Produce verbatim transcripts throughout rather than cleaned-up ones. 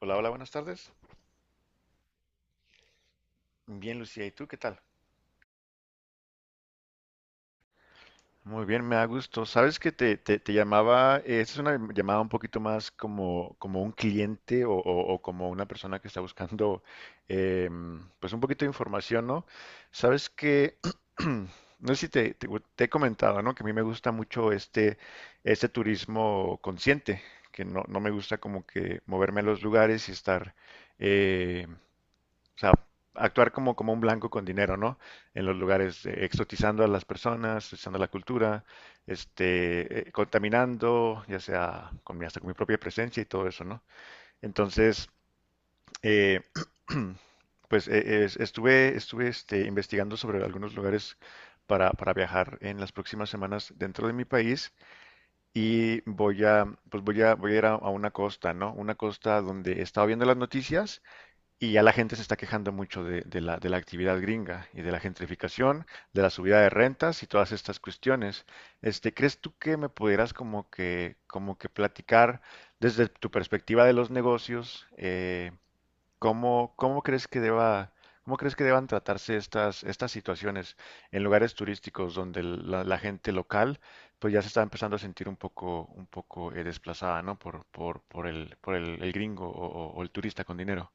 Hola, hola, buenas tardes. Bien, Lucía, ¿y tú qué tal? Muy bien, me da gusto. Sabes que te, te- te llamaba, eh, esta es una llamada un poquito más como, como un cliente o, o- o como una persona que está buscando em, pues un poquito de información, ¿no? Sabes que, no sé si te, te- te he comentado, ¿no? Que a mí me gusta mucho este, este turismo consciente, que no, no me gusta como que moverme a los lugares y estar. eh, O sea, actuar como, como un blanco con dinero, ¿no? En los lugares, eh, exotizando a las personas, exotizando la cultura, este, eh, contaminando, ya sea con, mi- hasta con mi propia presencia y todo eso, ¿no? Entonces, eh, pues eh, es- estuve, estuve este, investigando sobre algunos lugares para, para viajar en las próximas semanas dentro de mi país y voy a, pues voy a, voy a ir a, a una costa, ¿no? Una costa donde he estado viendo las noticias y ya la gente se está quejando mucho de, de la, de la actividad gringa y de la gentrificación, de la subida de rentas y todas estas cuestiones. Este, ¿crees tú que me pudieras como que, como que platicar desde tu perspectiva de los negocios, eh, cómo, cómo crees que deba, cómo crees que deban tratarse estas, estas situaciones en lugares turísticos donde la, la gente local pues ya se está empezando a sentir un poco, un poco eh, desplazada, ¿no? Por, por, por el, por el, el gringo o, o- o el turista con dinero.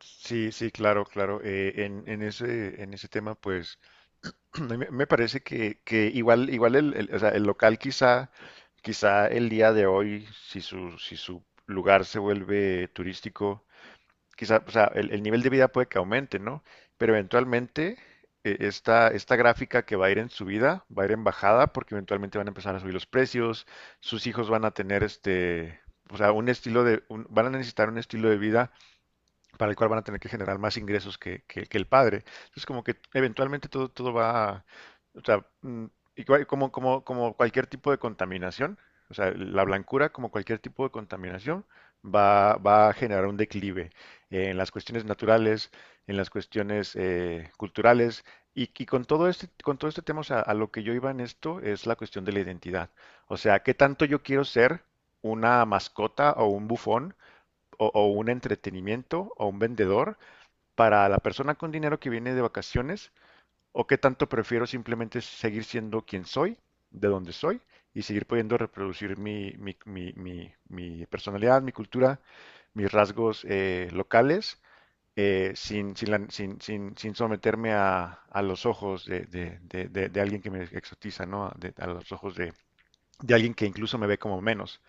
Sí, sí, claro, claro. Eh, en, en ese, en ese tema, pues, a mí me, me parece que, que igual, igual el, el- o sea, el local quizá, quizá el día de hoy, si su, si su lugar se vuelve turístico, quizá, o sea, el, el nivel de vida puede que aumente, ¿no? Pero eventualmente eh, esta, esta gráfica que va a ir en subida, va a ir en bajada, porque eventualmente van a empezar a subir los precios, sus hijos van a tener este, o sea, un estilo de, un- van a necesitar un estilo de vida para el cual van a tener que generar más ingresos que, que- que el padre. Entonces, como que eventualmente todo, todo va, a- o sea, mm, igual como, como, como cualquier tipo de contaminación, o sea, la blancura, como cualquier tipo de contaminación, va, va a generar un declive eh, en las cuestiones naturales, en las cuestiones eh, culturales. Y, y con todo este, con todo este tema, o sea, a lo que yo iba en esto es la cuestión de la identidad. O sea, ¿qué tanto yo quiero ser una mascota o un bufón, o, o un entretenimiento o un vendedor para la persona con dinero que viene de vacaciones o qué tanto prefiero simplemente seguir siendo quien soy, de donde soy y seguir pudiendo reproducir mi, mi, mi- mi- mi personalidad, mi cultura, mis rasgos eh, locales, eh, sin, sin, la- sin- sin- sin someterme a, a los ojos de, de- de- de- de alguien que me exotiza, ¿no? De- a los ojos de, de alguien que incluso me ve como menos.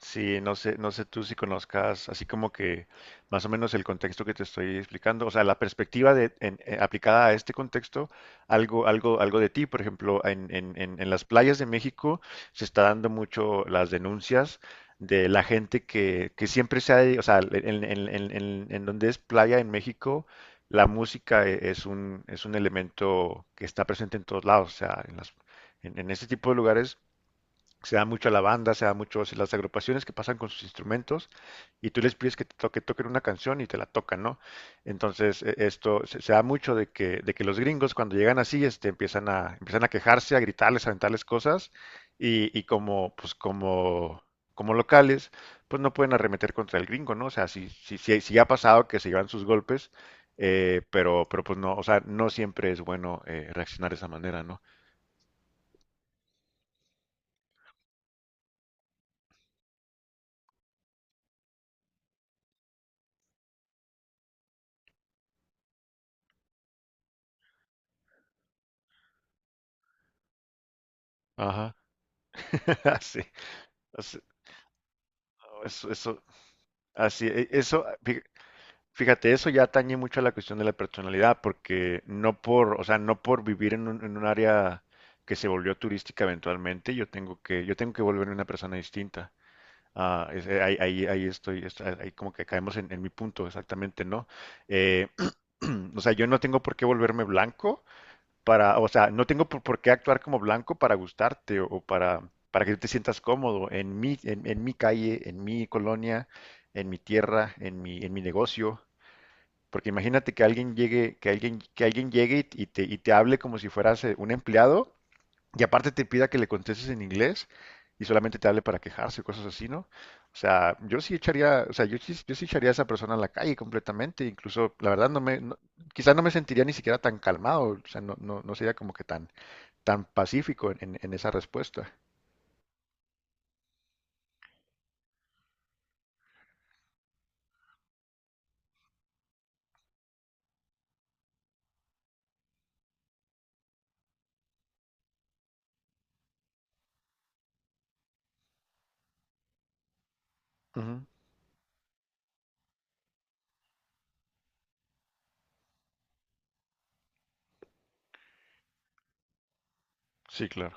Sí, no sé, no sé tú si conozcas así como que más o menos el contexto que te estoy explicando, o sea, la perspectiva de, en- eh, aplicada a este contexto, algo, algo, algo de ti, por ejemplo, en, en, en, en las playas de México se está dando mucho las denuncias de la gente que, que siempre se ha, de- o sea, en, en, en, en, en donde es playa en México, la música e- es un, es un elemento que está presente en todos lados, o sea, en las, en, en este tipo de lugares se da mucho a la banda, se da mucho a las agrupaciones que pasan con sus instrumentos y tú les pides que, to- que toquen una canción y te la tocan, ¿no? Entonces, e- esto se, se da mucho de que, de que los gringos cuando llegan así, este, empiezan a, empiezan a quejarse, a gritarles, a aventarles cosas, y, y como, pues como, como locales, pues no pueden arremeter contra el gringo, ¿no? O sea, si, si, si, si ha pasado que se llevan sus golpes, eh, pero, pero pues no, o sea, no siempre es bueno eh, reaccionar de esa manera, ¿no? Ajá, sí. O sea, eso, eso. Así, e- eso, fí- fíjate, eso ya atañe mucho a la cuestión de la personalidad, porque no por, o sea, no por vivir en un, en un área que se volvió turística eventualmente, yo tengo que, yo tengo que volverme una persona distinta. Ah, es- eh, ahí, ahí, ahí estoy, est- ahí ahí como que caemos en, en mi punto, exactamente, ¿no? Eh, o sea, yo no tengo por qué volverme blanco, para, o sea, no tengo por, por qué actuar como blanco para gustarte o, o para, para que tú te sientas cómodo en mi, en, en mi calle, en mi colonia, en mi tierra, en mi, en mi negocio. Porque imagínate que alguien llegue, que alguien, que alguien llegue y te, y te hable como si fueras eh, un empleado y aparte te pida que le contestes en inglés y solamente te hable para quejarse, o cosas así, ¿no? O sea, yo sí echaría, o sea, yo sí, yo sí echaría a esa persona a la calle completamente, incluso, la verdad, no me, no- quizás no me sentiría ni siquiera tan calmado, o sea, no, no, no sería como que tan, tan pacífico en, en- en esa respuesta. Ujú. Sí, claro.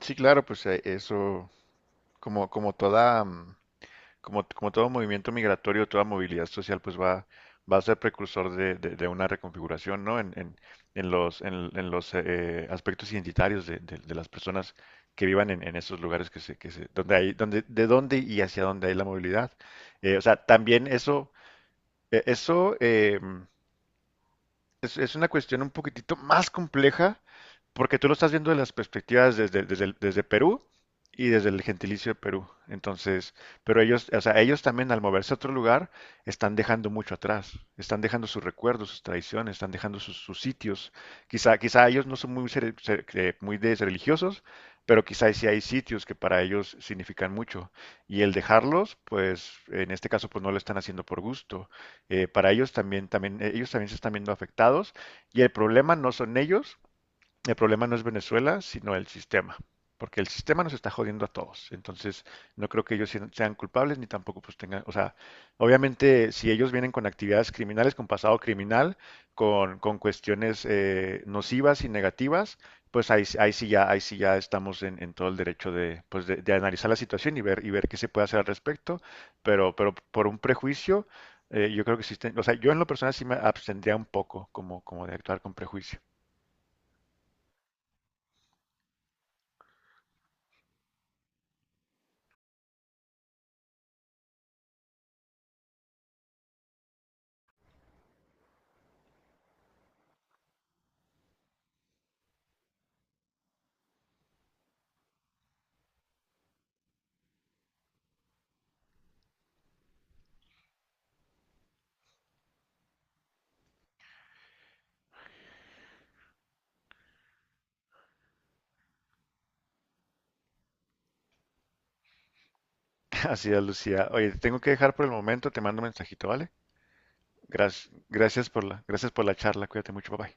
Sí, claro, pues eh, eso, como, como toda, mm, Como, como todo movimiento migratorio, toda movilidad social, pues va, va a ser precursor de, de- de una reconfiguración, ¿no? En, en- en los, en, en los eh, aspectos identitarios de, de- de las personas que vivan en, en esos lugares que se, que se, donde hay, donde, de dónde y hacia dónde hay la movilidad. Eh, o sea, también eso, eh, eso, eh, es, es una cuestión un poquitito más compleja porque tú lo estás viendo de las perspectivas desde, desde, el- desde Perú y desde el gentilicio de Perú. Entonces, pero ellos, o sea, ellos también al moverse a otro lugar están dejando mucho atrás, están dejando sus recuerdos, sus tradiciones, están dejando sus, sus sitios. Quizá, quizá ellos no son muy, cere- cere- eh, muy de- religiosos, pero quizá sí hay sitios que para ellos significan mucho. Y el dejarlos, pues en este caso, pues no lo están haciendo por gusto. Eh, para ellos también, también, eh, ellos también se están viendo afectados y el problema no son ellos, el problema no es Venezuela, sino el sistema, porque el sistema nos está jodiendo a todos. Entonces, no creo que ellos sean- culpables ni tampoco pues tengan, o sea, obviamente si ellos vienen con actividades criminales, con pasado criminal, con, con cuestiones eh, nocivas y negativas, pues ahí, ahí sí ya, ahí sí ya estamos en, en todo el derecho de, pues de, de analizar la situación y ver, y ver qué se puede hacer al respecto, pero, pero por un prejuicio, eh, yo creo que existen, o sea, yo en lo personal sí me abstendría un poco como, como de actuar con prejuicio. Así es, Lucía. Oye, te tengo que dejar por el momento, te mando un mensajito, ¿vale? Gracias, gracias por la, gracias por la charla, cuídate mucho, papá.